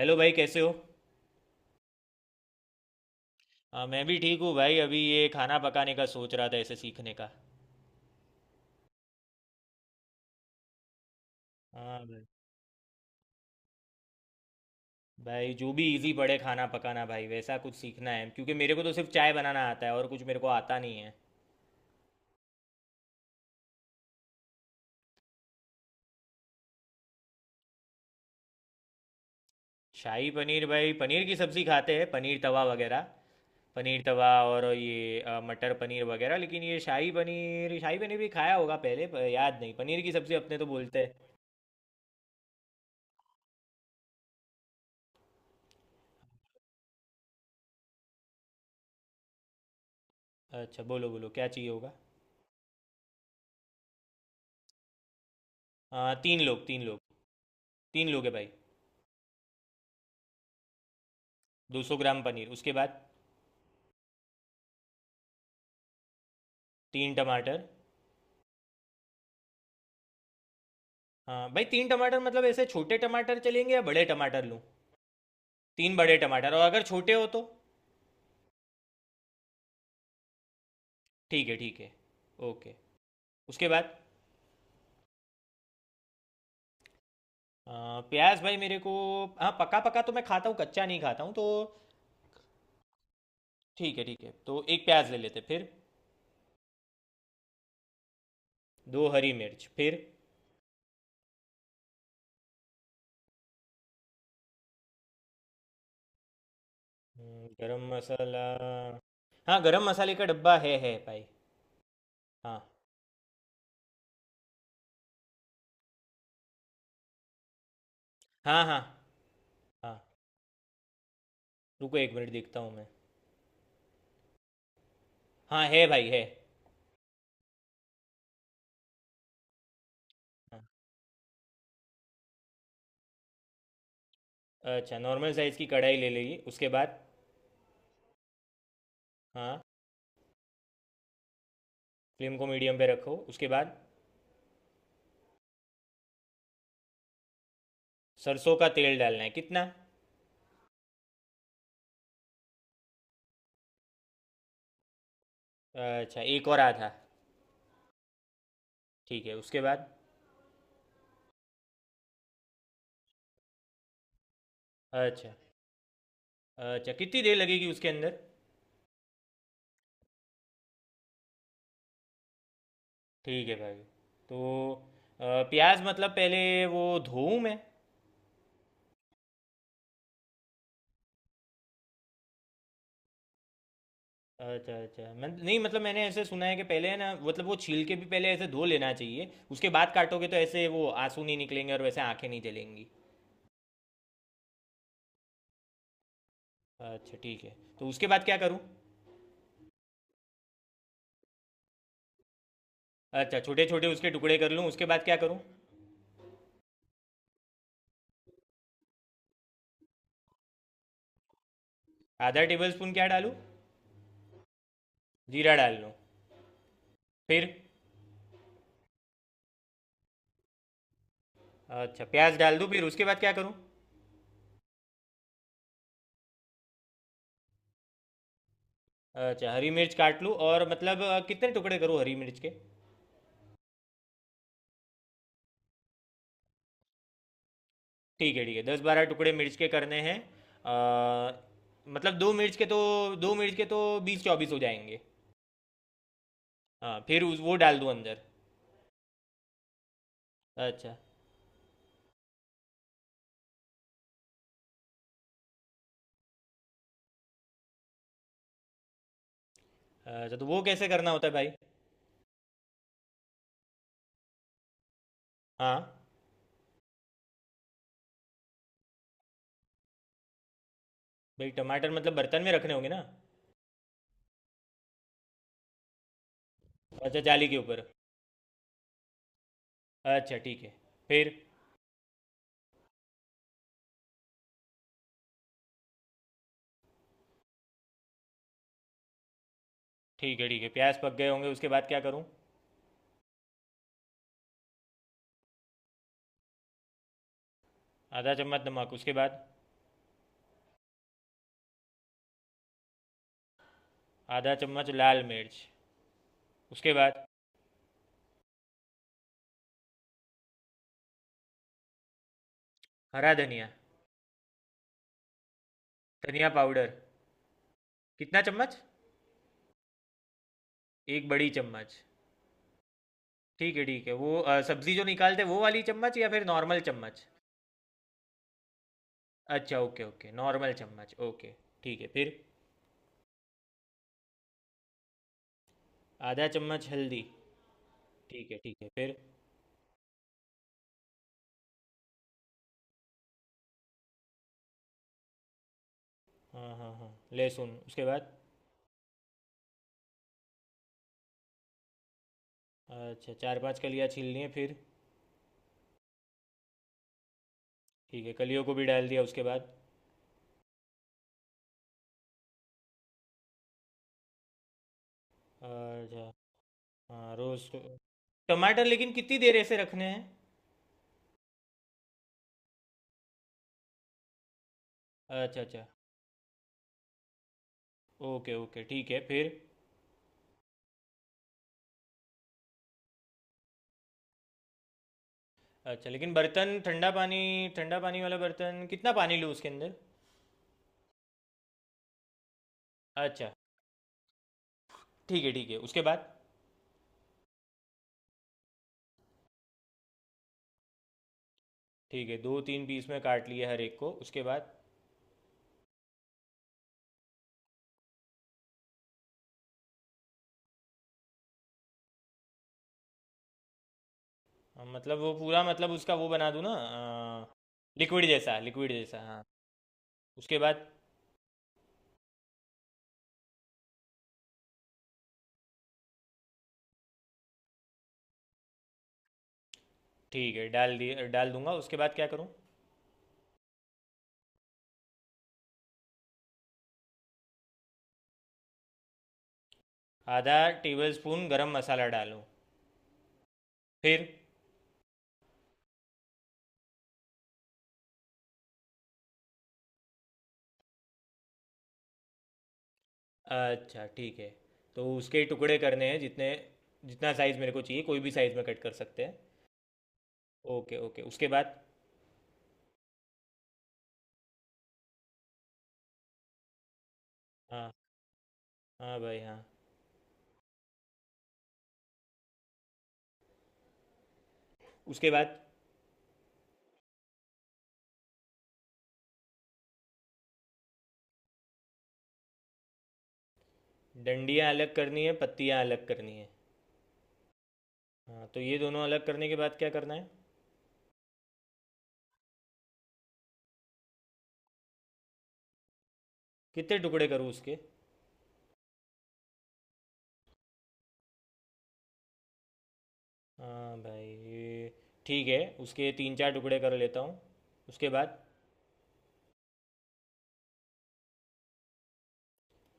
Hello भाई, कैसे हो। हाँ, मैं भी ठीक हूँ भाई। अभी ये खाना पकाने का सोच रहा था, ऐसे सीखने का। हाँ भाई। जो भी इजी पड़े खाना पकाना भाई, वैसा कुछ सीखना है, क्योंकि मेरे को तो सिर्फ चाय बनाना आता है, और कुछ मेरे को आता नहीं है। शाही पनीर भाई, पनीर की सब्ज़ी खाते हैं, पनीर तवा वगैरह। पनीर तवा और ये मटर पनीर वगैरह। लेकिन ये शाही पनीर भी खाया होगा पहले, पर याद नहीं। पनीर की सब्ज़ी अपने तो बोलते हैं। अच्छा, बोलो बोलो क्या चाहिए होगा। तीन लोग, तीन लोग है भाई। 200 ग्राम पनीर, उसके बाद। तीन टमाटर। हाँ भाई, तीन टमाटर मतलब ऐसे छोटे टमाटर चलेंगे या बड़े टमाटर लूँ। तीन बड़े टमाटर, और अगर छोटे हो तो। ठीक है, ठीक है। ओके। उसके बाद अ, प्याज भाई मेरे को, हाँ पका पका तो मैं खाता हूँ, कच्चा नहीं खाता हूँ तो। ठीक है, ठीक है, तो एक प्याज ले लेते फिर। दो हरी मिर्च फिर। गरम मसाला। हाँ, गरम मसाले का डब्बा है भाई। हाँ। हाँ। हाँ। हाँ, रुको 1 मिनट देखता हूँ मैं। हाँ, है भाई, है। हाँ। अच्छा, नॉर्मल साइज़ की कढ़ाई ले लेगी, उसके बाद। हाँ। फ्लेम को मीडियम पे रखो, उसके बाद। सरसों का तेल डालना है, कितना। अच्छा, एक और आधा। ठीक है, उसके बाद। अच्छा। अच्छा, कितनी देर लगेगी उसके अंदर। ठीक है भाई। तो प्याज मतलब पहले, वो धोऊं मैं। अच्छा अच्छा, मैं नहीं, मतलब मैंने ऐसे सुना है कि पहले है ना, मतलब वो छील के भी पहले ऐसे धो लेना चाहिए, उसके बाद काटोगे तो ऐसे वो आंसू नहीं निकलेंगे और वैसे आंखें नहीं जलेंगी। अच्छा ठीक है, तो उसके बाद क्या करूँ। अच्छा, छोटे छोटे उसके टुकड़े कर लूँ, उसके बाद क्या करूँ। आधा टेबल स्पून क्या डालूँ। जीरा डाल लूँ, फिर। अच्छा, प्याज डाल दूँ, फिर उसके बाद क्या करूँ। अच्छा, हरी मिर्च काट लूँ, और मतलब कितने टुकड़े करूँ हरी मिर्च के। ठीक है ठीक है, 10-12 टुकड़े मिर्च के करने हैं। अ, मतलब दो मिर्च के तो 20-24 हो जाएंगे। हाँ फिर उस वो डाल दूँ अंदर। अच्छा। अच्छा, तो वो कैसे करना होता है भाई। हाँ भाई, टमाटर मतलब बर्तन में रखने होंगे ना। अच्छा, जाली के ऊपर। अच्छा ठीक है, फिर। ठीक है ठीक है, प्याज पक गए होंगे, उसके बाद क्या करूँ। आधा चम्मच नमक, उसके बाद। आधा चम्मच लाल मिर्च, उसके बाद। हरा धनिया। धनिया पाउडर। कितना चम्मच। एक बड़ी चम्मच। ठीक है ठीक है, वो सब्जी जो निकालते हैं वो वाली चम्मच या फिर नॉर्मल चम्मच। अच्छा ओके ओके, नॉर्मल चम्मच, ओके। ठीक है फिर। आधा चम्मच हल्दी। ठीक है ठीक है, फिर। हाँ, हाँ, हाँ। लहसुन, उसके बाद। अच्छा, चार पांच कलियाँ छील लिए, फिर। ठीक है, कलियों को भी डाल दिया, उसके बाद। अच्छा। हाँ, रोस्ट। टमाटर लेकिन कितनी देर ऐसे रखने हैं। अच्छा अच्छा। ओके ओके, ठीक है फिर। अच्छा, लेकिन बर्तन ठंडा पानी, ठंडा पानी वाला बर्तन कितना पानी लूँ उसके अंदर। अच्छा। ठीक है ठीक है, उसके बाद। ठीक है, दो तीन पीस में काट लिए हर एक को, उसके बाद। मतलब वो पूरा मतलब उसका वो बना दूँ ना। लिक्विड जैसा, लिक्विड जैसा, हाँ। उसके बाद। ठीक है, डाल दिए, डाल दूंगा, उसके बाद क्या करूँ। आधा टेबल स्पून गरम मसाला डालूँ, फिर। अच्छा ठीक है, तो उसके टुकड़े करने हैं जितने, जितना साइज़ मेरे को चाहिए, कोई भी साइज़ में कट कर सकते हैं। ओके ओके, उसके बाद। हाँ। हाँ भाई, हाँ। उसके बाद। डंडियाँ अलग करनी है, पत्तियाँ अलग करनी है। हाँ, तो ये दोनों अलग करने के बाद क्या करना है। कितने टुकड़े करूँ उसके। हाँ भाई ये, ठीक है, उसके तीन चार टुकड़े कर लेता हूँ, उसके बाद।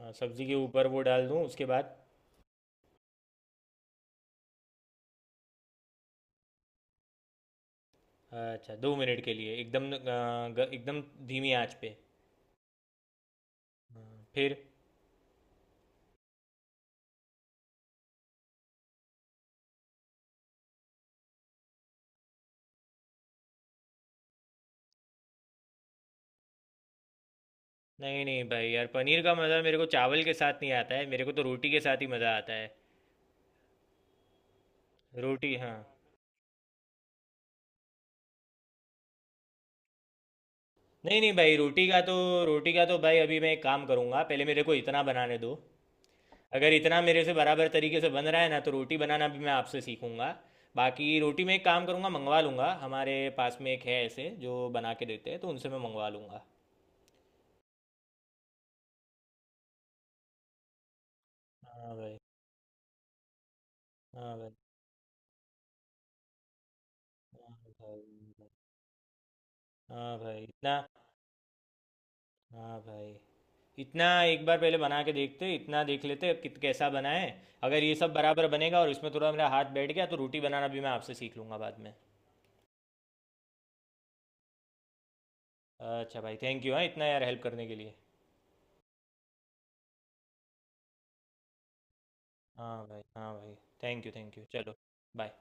हाँ, सब्जी के ऊपर वो डाल दूँ, उसके बाद। अच्छा, 2 मिनट के लिए एकदम एकदम धीमी आंच पे। हाँ, फिर। नहीं नहीं भाई यार, पनीर का मज़ा मेरे को चावल के साथ नहीं आता है, मेरे को तो रोटी के साथ ही मज़ा आता है। रोटी, हाँ। नहीं नहीं भाई, रोटी का तो, भाई अभी मैं एक काम करूंगा, पहले मेरे को इतना बनाने दो। अगर इतना मेरे से बराबर तरीके से बन रहा है ना, तो रोटी बनाना भी मैं आपसे सीखूंगा। बाकी रोटी में एक काम करूंगा, मंगवा लूंगा, हमारे पास में एक है ऐसे जो बना के देते हैं, तो उनसे मैं मंगवा लूंगा। हाँ भाई। हाँ भाई। हाँ भाई, हाँ भाई, इतना। हाँ भाई, इतना एक बार पहले बना के देखते, इतना देख लेते कित कैसा बना है। अगर ये सब बराबर बनेगा और इसमें थोड़ा मेरा हाथ बैठ गया, तो रोटी बनाना भी मैं आपसे सीख लूंगा बाद में। अच्छा भाई, थैंक यू, हाँ, इतना यार हेल्प करने के लिए। हाँ भाई, हाँ भाई। थैंक यू, थैंक यू, चलो। बाय।